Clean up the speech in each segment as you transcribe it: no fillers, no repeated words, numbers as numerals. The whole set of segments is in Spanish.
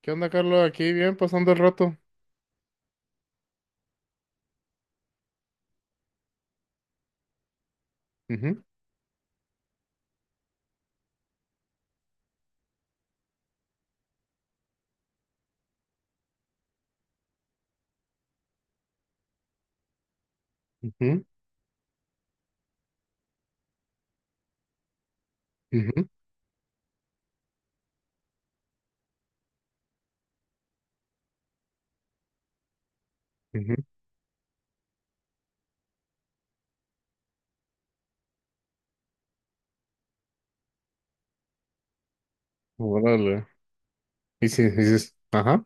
¿Qué onda, Carlos? Aquí bien, pasando el rato. Ujú, ujú, ujú, ujú. Órale. Ajá.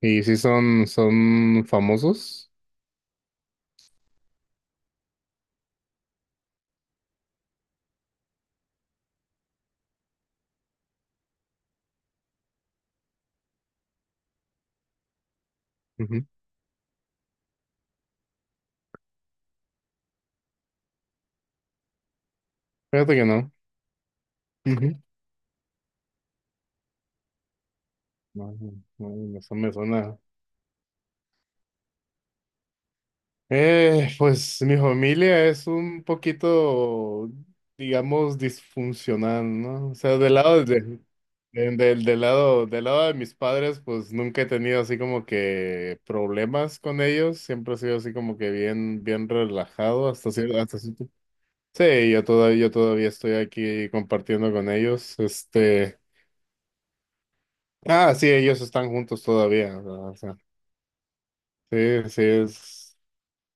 ¿Y si son famosos? Ujú. Fíjate que no. Ujú. No, no, no, no, eso me suena. Pues mi familia es un poquito, digamos, disfuncional, ¿no? O sea, del lado de- del, del lado de mis padres, pues nunca he tenido así como que problemas con ellos. Siempre he sido así como que bien, bien relajado hasta cierto, hasta cierto. Sí, yo todavía estoy aquí compartiendo con ellos. Ah, sí, ellos están juntos todavía, ¿verdad? O sea, sí, sí es.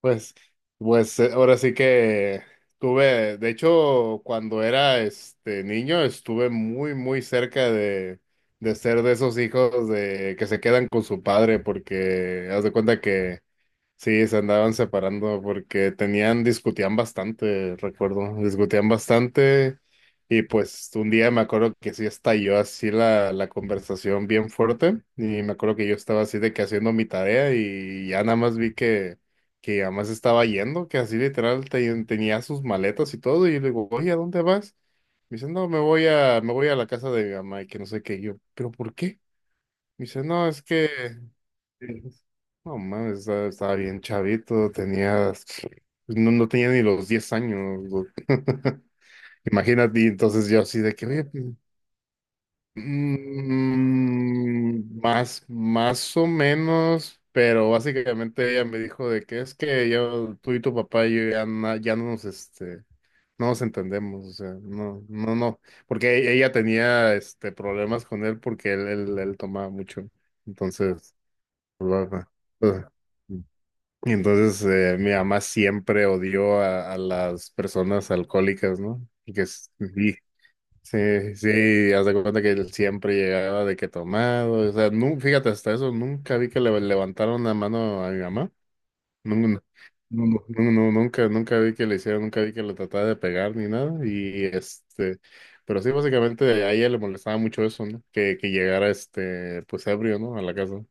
Pues, pues, ahora sí que tuve, de hecho, cuando era niño, estuve muy, muy cerca de ser de esos hijos de que se quedan con su padre, porque haz de cuenta que... Sí, se andaban separando porque discutían bastante, recuerdo, discutían bastante. Y pues un día me acuerdo que sí estalló así la conversación bien fuerte, y me acuerdo que yo estaba así de que haciendo mi tarea y ya nada más vi que además estaba yendo, que así literal tenía sus maletas y todo, y le digo, oye, ¿a dónde vas? Me dice, no, me voy a la casa de mi mamá y que no sé qué. Y yo, pero ¿por qué? Me dice, no, es que... No mames, estaba bien chavito, tenía, pues, no, no tenía ni los 10 años, güey. Imagínate. Y entonces yo así de que, oye, pues, más o menos, pero básicamente ella me dijo de que es que yo, tú y tu papá, no nos entendemos, o sea, no, no, no, porque ella tenía, problemas con él, porque él tomaba mucho, entonces. Ujú. Y entonces, mi mamá siempre odió a las personas alcohólicas, ¿no? Y que sí, sí, sí, haz de cuenta que él siempre llegaba de que tomado, o sea, fíjate, hasta eso nunca vi que le levantaron la mano a mi mamá. Nunca, nu- nu- nu- nu- nunca, nunca vi que le hicieron, nunca vi que le tratara de pegar ni nada, y pero sí, básicamente a ella le molestaba mucho eso, ¿no? Que llegara, pues ebrio, ¿no?, a la casa.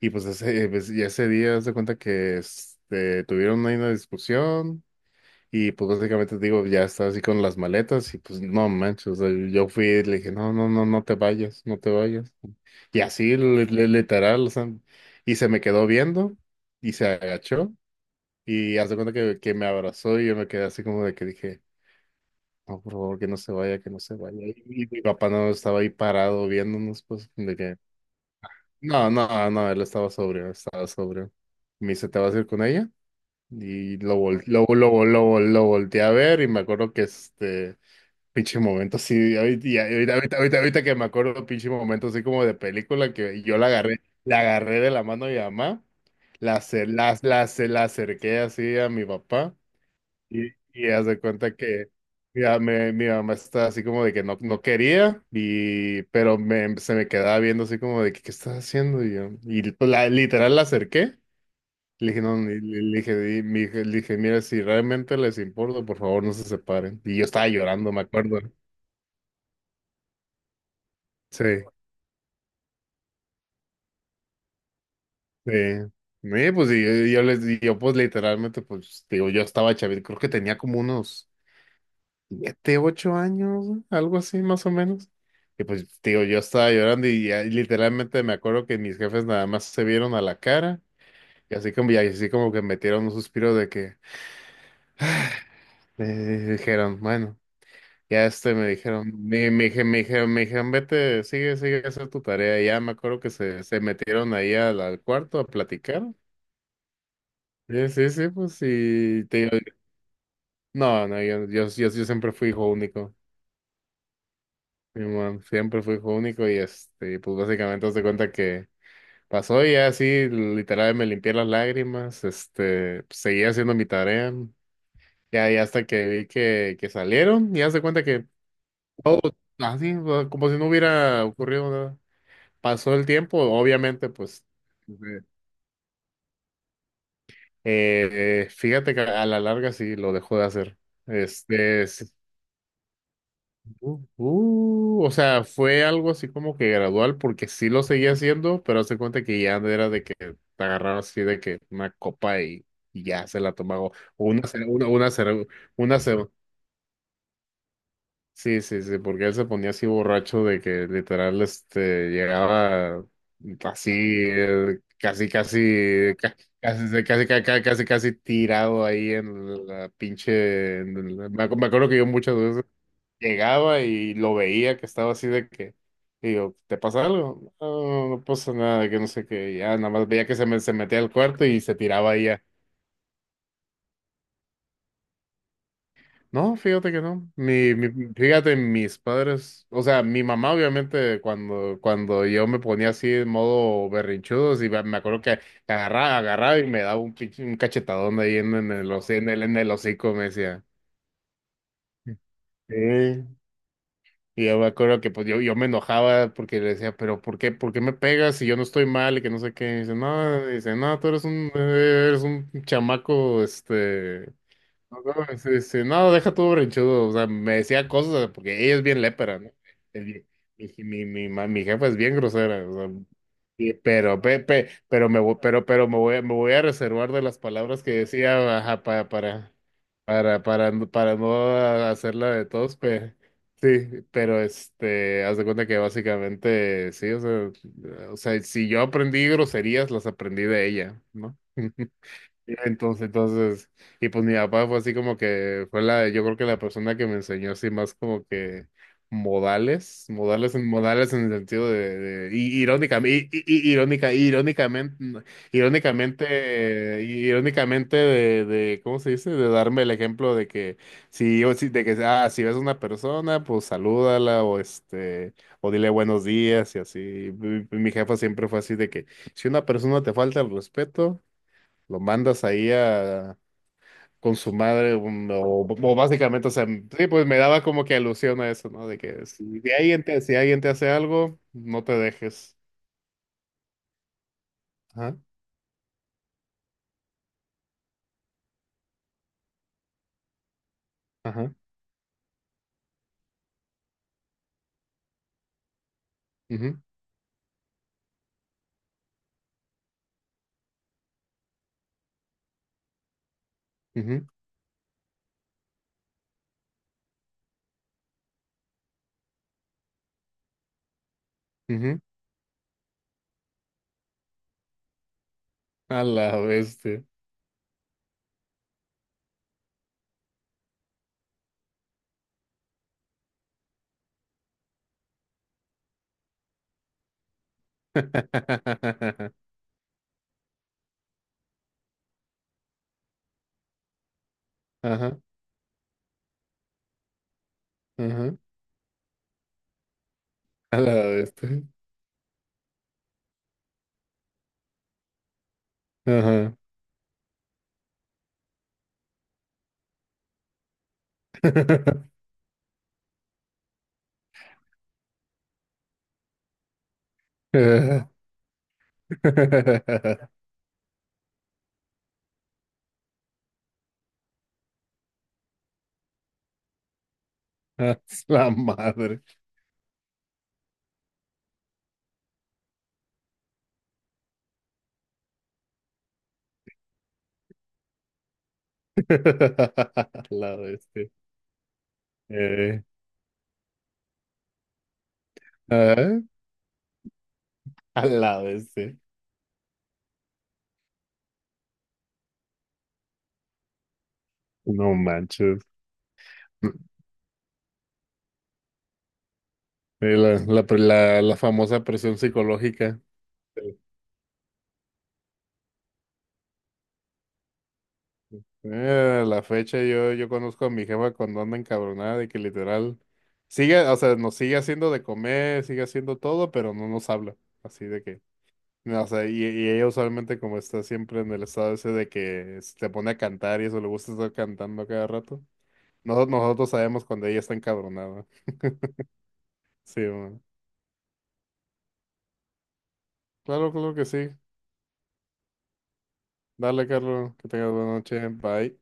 Y pues, y ese día se cuenta que, tuvieron ahí una discusión, y pues básicamente digo, ya estaba así con las maletas y pues no manches, o sea, yo fui y le dije, no, no, no, no te vayas, no te vayas. Y así, literal, o sea, y se me quedó viendo y se agachó, y hace cuenta que me abrazó, y yo me quedé así como de que dije, no, por favor, que no se vaya, que no se vaya. Y mi papá no estaba ahí parado viéndonos, pues, de que... No, no, no, él estaba sobrio. Me dice, ¿te vas a ir con ella? Y lo, vol- lo volteé a ver, y me acuerdo que este pinche momento así, ahorita, y ahorita, ahorita, ahorita- ahorita que me acuerdo, pinche momento así como de película, que yo la agarré de la mano de mi mamá, la acerqué así a mi papá. Y, y haz de cuenta que, mira, mi mamá está así como de que no, no quería, y, pero, se me quedaba viendo así como de que, ¿qué estás haciendo? Y yo, literal la acerqué. Le dije, no, le dije, "Di- mi hija", le dije, mira, si realmente les importa, por favor, no se separen. Y yo estaba llorando, me acuerdo. Sí, sí. Sí, pues y yo, pues literalmente, pues digo, yo estaba chavito, creo que tenía como unos 7, 8 años, güey, algo así más o menos. Y pues, digo, yo estaba llorando, y ya literalmente me acuerdo que mis jefes nada más se vieron a la cara, y así como que metieron un suspiro de que, eh, dijeron, bueno, ya me dijeron, me dijeron, vete, sigue, sigue, a hacer tu tarea. Y ya me acuerdo que se metieron ahí al, al cuarto a platicar. Sí, sí, sí, pues sí te digo, no, no, yo siempre fui hijo único. Sí, man, siempre fui hijo único, y, pues básicamente haz de cuenta que pasó, y ya así, literal me limpié las lágrimas, seguía haciendo mi tarea, ya, ya hasta que vi que salieron, y haz de cuenta que todo así, o sea, como si no hubiera ocurrido nada. Pasó el tiempo, obviamente, pues, fíjate que a la larga sí lo dejó de hacer. Sí. O sea, fue algo así como que gradual, porque sí lo seguía haciendo, pero hace cuenta que ya era de que te agarraba así de que una copa, y ya se la tomaba. O una, ce- una, cere- una, ce- Sí, sí, sí, porque él se ponía así borracho de que literal, llegaba así, casi, casi, tirado ahí en la pinche... en la- me acu- Me acuerdo que yo muchas veces llegaba y lo veía que estaba así de que, y digo, ¿te pasa algo? No, no pasa nada, de que no sé qué, ya nada más veía que se metía al cuarto y se tiraba ahí ya. No, fíjate que no. Fíjate, mis padres, o sea, mi mamá obviamente cuando, cuando yo me ponía así en modo berrinchudo, sí, me acuerdo que agarraba y me daba un cachetadón ahí en el hocico, me decía. Sí. Y yo me acuerdo que pues yo me enojaba, porque le decía, pero por qué me pegas si yo no estoy mal y que no sé qué? Y dice, no, tú eres un chamaco, no, no, no, deja todo berrinchudo. O sea, me decía cosas porque ella es bien lépera, ¿no? El- mi jefa es bien grosera. O sea, pero me voy, me voy a reservar de las palabras que decía, ajá, para no hacerla de todos, pero sí, pero haz de cuenta que básicamente sí, o sea, si yo aprendí groserías, las aprendí de ella, ¿no? Entonces, y pues mi papá fue así como que fue yo creo que la persona que me enseñó así más como que modales, modales en el sentido irónicamente, no, irónicamente, irónicamente ¿cómo se dice? De darme el ejemplo de que si, o si- de que, ah, si ves a una persona, pues salúdala o o dile buenos días y así. Mi jefa siempre fue así de que si una persona te falta el respeto, lo mandas ahí con su madre, o básicamente, o sea, sí, pues me daba como que alusión a eso, ¿no? De que si alguien te hace algo, no te dejes. Ajá, ajá, ujú, ujú, ujú. A la bestia. Ajá, ajá, a la bestia. Ajá. A la madre. A la bestia. Eh, ajá, a la bestia. No manches. Sí, la famosa presión psicológica. Sí. A la fecha yo conozco a mi jefa cuando anda encabronada, de que literal sigue, o sea, nos sigue haciendo de comer, sigue haciendo todo, pero no nos habla. Así de que, no, o sea, y ella usualmente, como está siempre en el estado ese de que se te pone a cantar, y eso, le gusta estar cantando a cada rato. Nosotros sabemos cuando ella está encabronada. Sí, bueno. Claro, claro que sí. Dale, Carlos, que tengas buena noche. Bye.